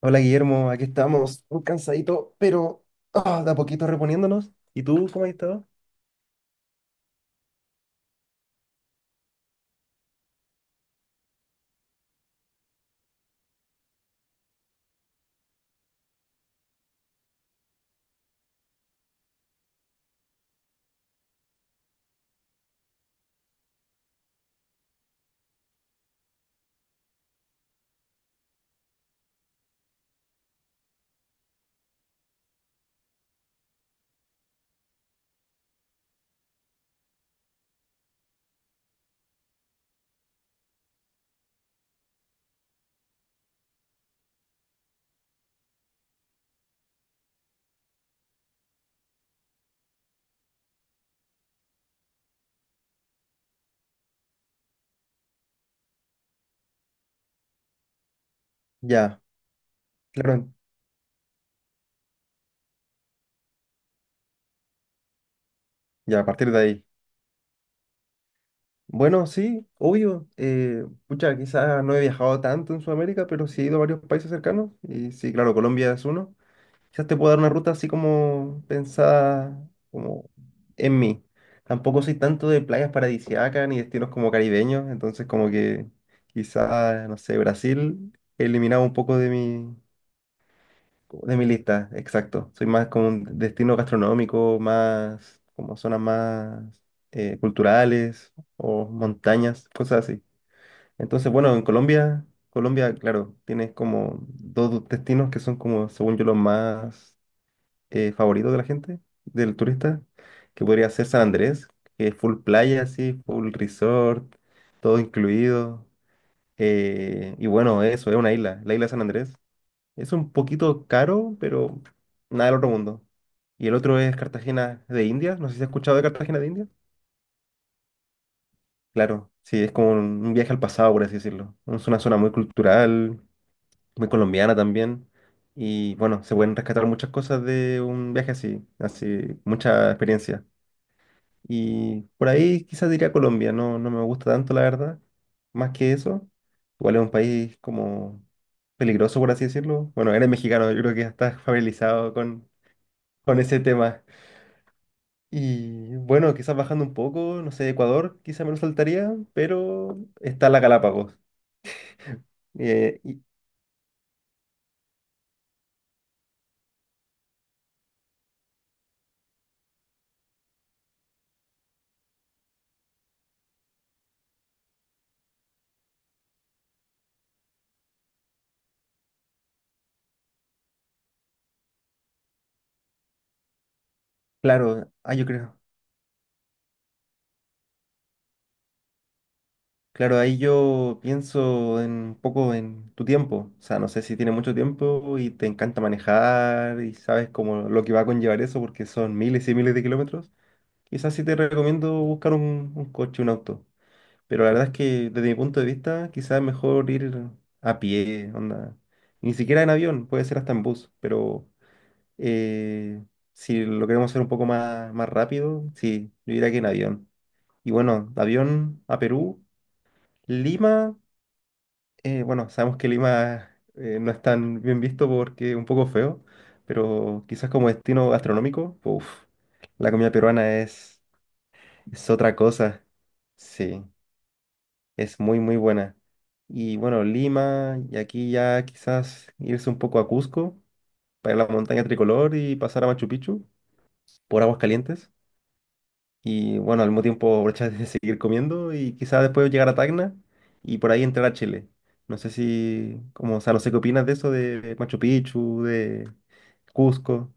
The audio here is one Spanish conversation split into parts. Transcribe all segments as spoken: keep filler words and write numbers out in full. Hola Guillermo, aquí estamos, un cansadito, pero ah, de a poquito reponiéndonos. ¿Y tú cómo has estado? Ya, claro, ya a partir de ahí. Bueno, sí, obvio. Eh, pucha, quizás no he viajado tanto en Sudamérica, pero sí he ido a varios países cercanos. Y sí, claro, Colombia es uno. Quizás te puedo dar una ruta así como pensada como en mí. Tampoco soy tanto de playas paradisíacas ni destinos como caribeños, entonces como que quizás, no sé, Brasil eliminaba un poco de mi De mi lista, exacto. Soy más como un destino gastronómico, más como zonas más eh, culturales o montañas, cosas así. Entonces, bueno, en Colombia, Colombia, claro, tienes como dos destinos que son como, según yo, los más eh, favoritos de la gente, del turista, que podría ser San Andrés, que es full playa, así, full resort, todo incluido. Eh, y bueno, eso, es una isla, la isla de San Andrés es un poquito caro, pero nada del otro mundo. Y el otro es Cartagena de Indias. No sé si has escuchado de Cartagena de Indias. Claro, sí, es como un un viaje al pasado, por así decirlo. Es una zona muy cultural, muy colombiana también. Y bueno, se pueden rescatar muchas cosas de un viaje así, así, mucha experiencia. Y por ahí quizás diría Colombia, no, no me gusta tanto, la verdad. Más que eso, igual es un país como peligroso, por así decirlo. Bueno, eres mexicano, yo creo que ya estás familiarizado con, con ese tema. Y bueno, quizás bajando un poco, no sé, Ecuador, quizás me lo saltaría, pero está la Galápagos. Eh, y claro, ah, yo creo. Claro, ahí yo pienso en, un poco en tu tiempo. O sea, no sé si tienes mucho tiempo y te encanta manejar y sabes como lo que va a conllevar eso porque son miles y miles de kilómetros. Quizás sí te recomiendo buscar un, un coche, un auto. Pero la verdad es que desde mi punto de vista, quizás es mejor ir a pie, onda. Y ni siquiera en avión, puede ser hasta en bus, pero eh, si lo queremos hacer un poco más, más rápido, sí, yo diría que en avión. Y bueno, de avión a Perú, Lima, eh, bueno, sabemos que Lima eh, no es tan bien visto porque es un poco feo, pero quizás como destino gastronómico, uff, la comida peruana es, es otra cosa, sí. Es muy, muy buena. Y bueno, Lima, y aquí ya quizás irse un poco a Cusco, para la montaña tricolor y pasar a Machu Picchu por aguas calientes. Y bueno, al mismo tiempo aprovechar de seguir comiendo y quizás después llegar a Tacna y por ahí entrar a Chile. No sé si, como, o sea, no sé qué opinas de eso de Machu Picchu, de Cusco.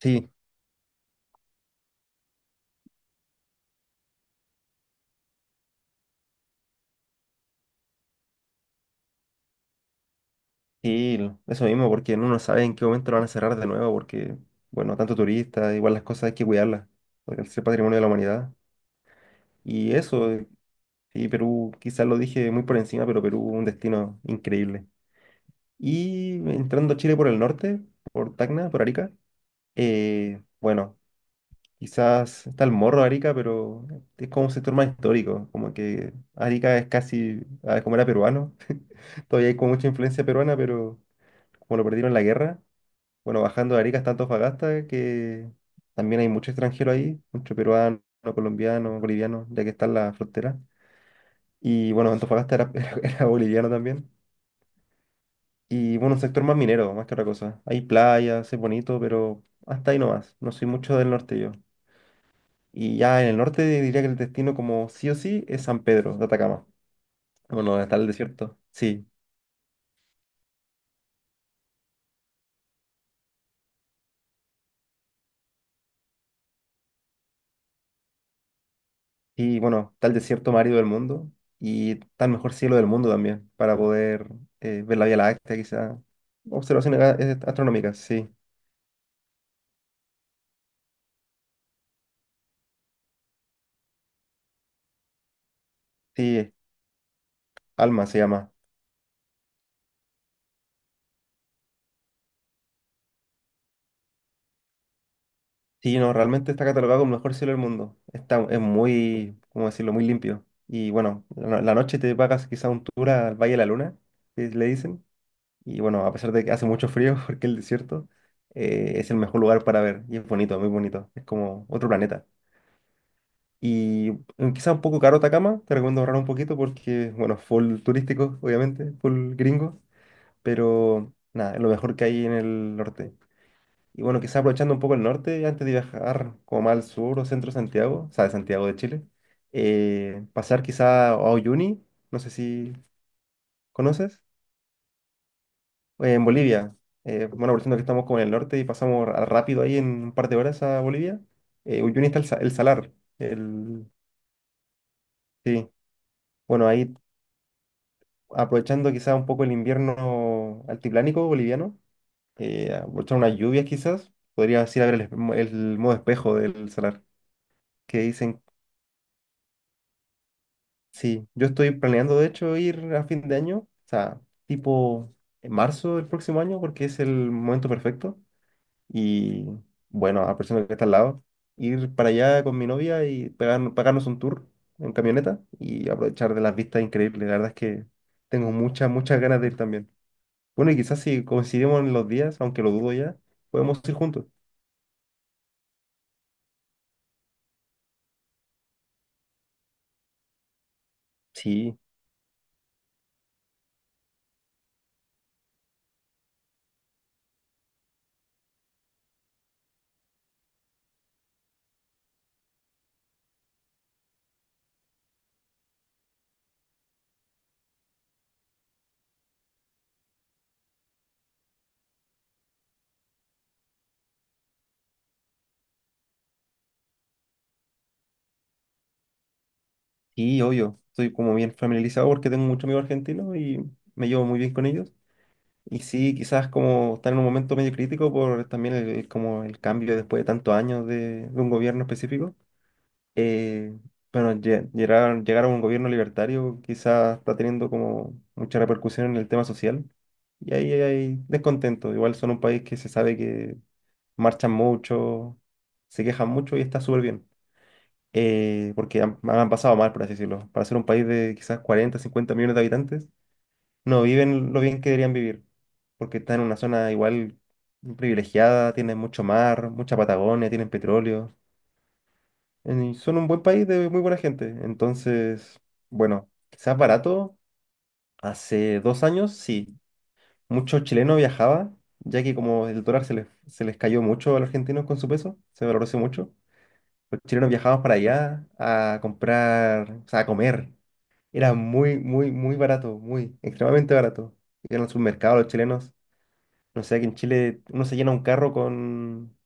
Sí, sí, lo- eso mismo, porque uno no sabe en qué momento lo van a cerrar de nuevo, porque, bueno, tanto turista, igual las cosas hay que cuidarlas, porque es el patrimonio de la humanidad. Y eso, eh, y Perú, quizás lo dije muy por encima, pero Perú, un destino increíble. Y entrando a Chile por el norte, por Tacna, por Arica, eh, bueno, quizás está el Morro de Arica, pero es como un sector más histórico, como que Arica es casi, ah, como era peruano, todavía hay como mucha influencia peruana, pero como lo perdieron en la guerra, bueno, bajando de Arica hasta Antofagasta, que también hay mucho extranjero ahí, mucho peruano, colombiano, boliviano, ya que está en la frontera. Y bueno, Antofagasta era, era, era boliviano también. Y bueno, un sector más minero, más que otra cosa. Hay playas, es bonito, pero hasta ahí nomás. No soy mucho del norte yo. Y ya en el norte diría que el destino como sí o sí es San Pedro de Atacama. Bueno, donde está el desierto. Sí. Y bueno, está el desierto más árido del mundo. Y está el mejor cielo del mundo también, para poder eh, ver la Vía Láctea, quizá. Observaciones a- eh, astronómicas, sí. Sí, Alma se llama. Sí, no, realmente está catalogado como el mejor cielo del mundo. Está, es muy, ¿cómo decirlo?, muy limpio. Y bueno, la, la noche te pagas quizá un tour al Valle de la Luna, que le dicen. Y bueno, a pesar de que hace mucho frío, porque el desierto eh, es el mejor lugar para ver. Y es bonito, muy bonito. Es como otro planeta. Y mm, quizá un poco caro Atacama, te recomiendo ahorrar un poquito porque, bueno, full turístico, obviamente, full gringo. Pero nada, es lo mejor que hay en el norte. Y bueno, quizá aprovechando un poco el norte, antes de viajar como más al sur o centro de Santiago, o sea, de Santiago de Chile, eh, pasar quizá a Uyuni, no sé si conoces, eh, en Bolivia. Eh, bueno, aprovechando que estamos como en el norte y pasamos ra- rápido ahí en un par de horas a Bolivia, eh, Uyuni está el, sa- el salar. El, sí, bueno, ahí aprovechando quizá un poco el invierno altiplánico boliviano, eh, aprovechar unas lluvias quizás, podrías ir a ver el, espe- el modo espejo del salar que dicen. Sí, yo estoy planeando de hecho ir a fin de año, o sea, tipo en marzo del próximo año, porque es el momento perfecto. Y bueno, a la persona que está al lado, ir para allá con mi novia y pegar- pagarnos un tour en camioneta y aprovechar de las vistas increíbles. La verdad es que tengo muchas, muchas ganas de ir también. Bueno, y quizás si coincidimos en los días, aunque lo dudo ya, podemos ir juntos. Sí, sí, obvio. Estoy como bien familiarizado porque tengo muchos amigos argentinos y me llevo muy bien con ellos. Y sí, quizás como están en un momento medio crítico por también el, el- como el cambio después de, tantos años de, de un gobierno específico. Eh, bueno, lle- llegar, llegar a un gobierno libertario quizás está teniendo como mucha repercusión en el tema social. Y ahí hay descontento. Igual son un país que se sabe que marchan mucho, se quejan mucho y está súper bien. Eh, porque han, han pasado mal, por así decirlo. Para ser un país de quizás cuarenta cincuenta millones de habitantes no viven lo bien que deberían vivir, porque están en una zona igual privilegiada, tienen mucho mar, mucha Patagonia, tienen petróleo, y son un buen país de muy buena gente. Entonces, bueno, quizás barato, hace dos años sí, muchos chilenos viajaban, ya que como el dólar se les, se les cayó mucho a los argentinos con su peso, se valorizó mucho, los chilenos viajaban para allá a comprar, o sea, a comer. Era muy, muy, muy barato, muy, extremadamente barato. Iban al supermercado los chilenos. No sé, aquí en Chile uno se llena un carro con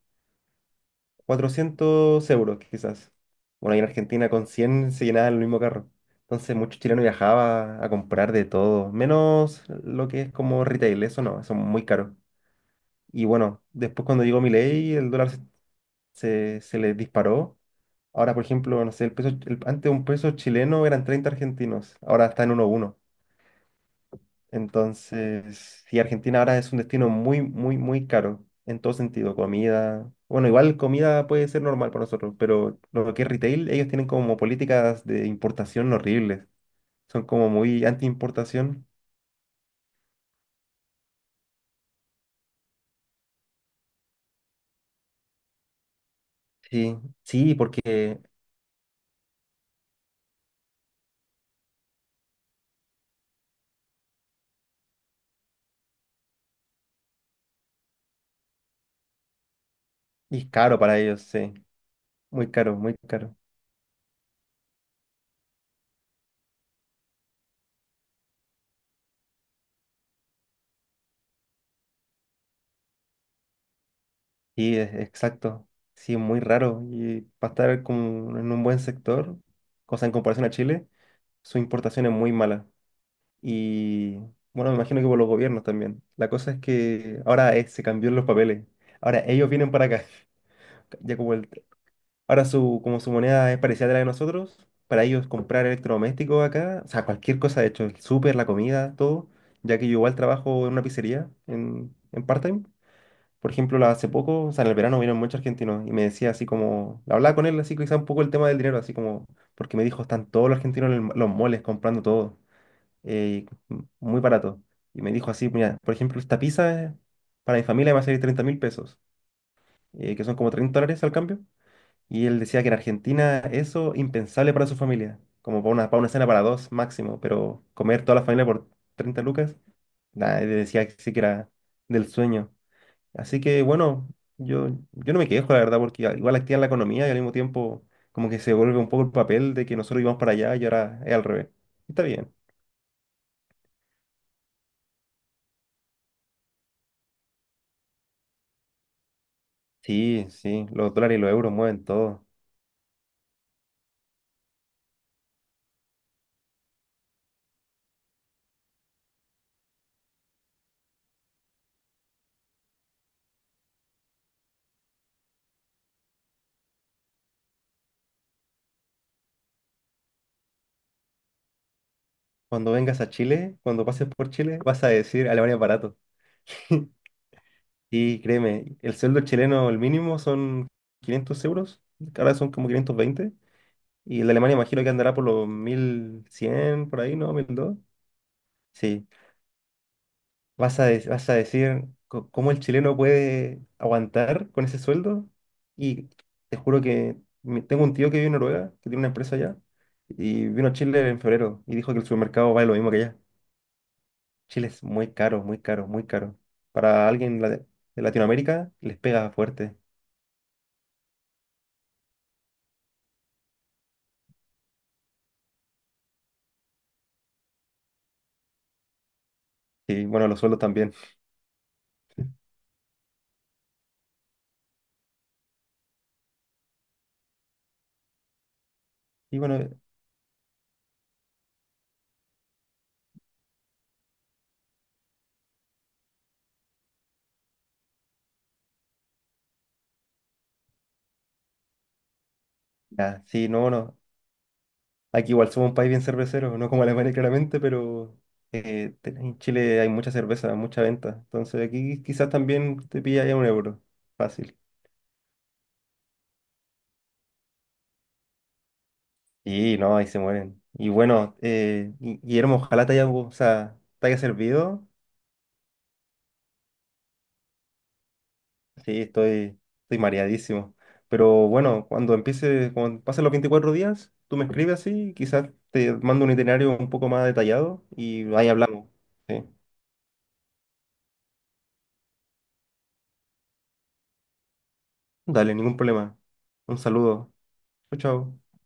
cuatrocientos euros, quizás. Bueno, ahí en Argentina con cien se llenaba el mismo carro. Entonces, muchos chilenos viajaba a comprar de todo, menos lo que es como retail, eso no, eso es muy caro. Y bueno, después cuando llegó Milei, el dólar se, se, se le disparó. Ahora, por ejemplo, no sé, el peso, el- antes un peso chileno eran treinta argentinos, ahora está en uno uno. Entonces, y Argentina ahora es un destino muy, muy, muy caro en todo sentido, comida. Bueno, igual comida puede ser normal para nosotros, pero lo que es retail, ellos tienen como políticas de importación horribles. Son como muy anti-importación. Sí, sí, porque es caro para ellos, sí. Muy caro, muy caro. Sí, es, exacto. Sí, es muy raro. Y para estar como en un buen sector, cosa en comparación a Chile, su importación es muy mala. Y bueno, me imagino que por los gobiernos también. La cosa es que ahora eh, se cambió los papeles. Ahora ellos vienen para acá. Ya como el, ahora su, Como su moneda es parecida a la de nosotros, para ellos comprar electrodomésticos acá, o sea, cualquier cosa, de hecho, el súper, la comida, todo, ya que yo igual trabajo en una pizzería en, en part-time. Por ejemplo, la- hace poco, o sea, en el verano vinieron muchos argentinos y me decía así como, hablaba con él así quizá un poco el tema del dinero, así como, porque me dijo, están todos los argentinos en el- los moles comprando todo eh, muy barato. Y me dijo así, mira, por ejemplo, esta pizza eh, para mi familia me va a salir treinta mil pesos, eh, que son como treinta dólares al cambio. Y él decía que en Argentina eso impensable para su familia, como para una, para una cena para dos máximo, pero comer toda la familia por treinta lucas, nada, él decía que sí que era del sueño. Así que bueno, yo, yo no me quejo, la verdad, porque igual activa la economía y al mismo tiempo como que se vuelve un poco el papel de que nosotros íbamos para allá y ahora es al revés. Está bien. Sí, sí, los dólares y los euros mueven todo. Cuando vengas a Chile, cuando pases por Chile, vas a decir Alemania es barato. Y créeme, el sueldo chileno, el mínimo son quinientos euros, que ahora son como quinientos veinte, y el de Alemania imagino que andará por los mil cien por ahí, ¿no? mil doscientos. Sí, vas a, de- vas a decir co- cómo el chileno puede aguantar con ese sueldo, y te juro que mi- tengo un tío que vive en Noruega, que tiene una empresa allá, y vino a Chile en febrero, y dijo que el supermercado vale lo mismo que allá. Chile es muy caro, muy caro, muy caro. Para alguien la- de Latinoamérica les pega fuerte. Y bueno, los sueldos también. Y bueno, ya, sí, no, no. Aquí igual somos un país bien cervecero, no como Alemania claramente, pero eh, te- en Chile hay mucha cerveza, mucha venta. Entonces aquí quizás también te pilla ya un euro. Fácil. Y no, ahí se mueren. Y bueno, eh, Gui- Guillermo, ojalá te haya, gu- o sea, te haya servido. Sí, estoy, estoy mareadísimo. Pero bueno, cuando empiece, cuando pasen los veinticuatro días, tú me escribes así, quizás te mando un itinerario un poco más detallado y ahí hablamos. Sí. Dale, ningún problema. Un saludo. Chao, chao.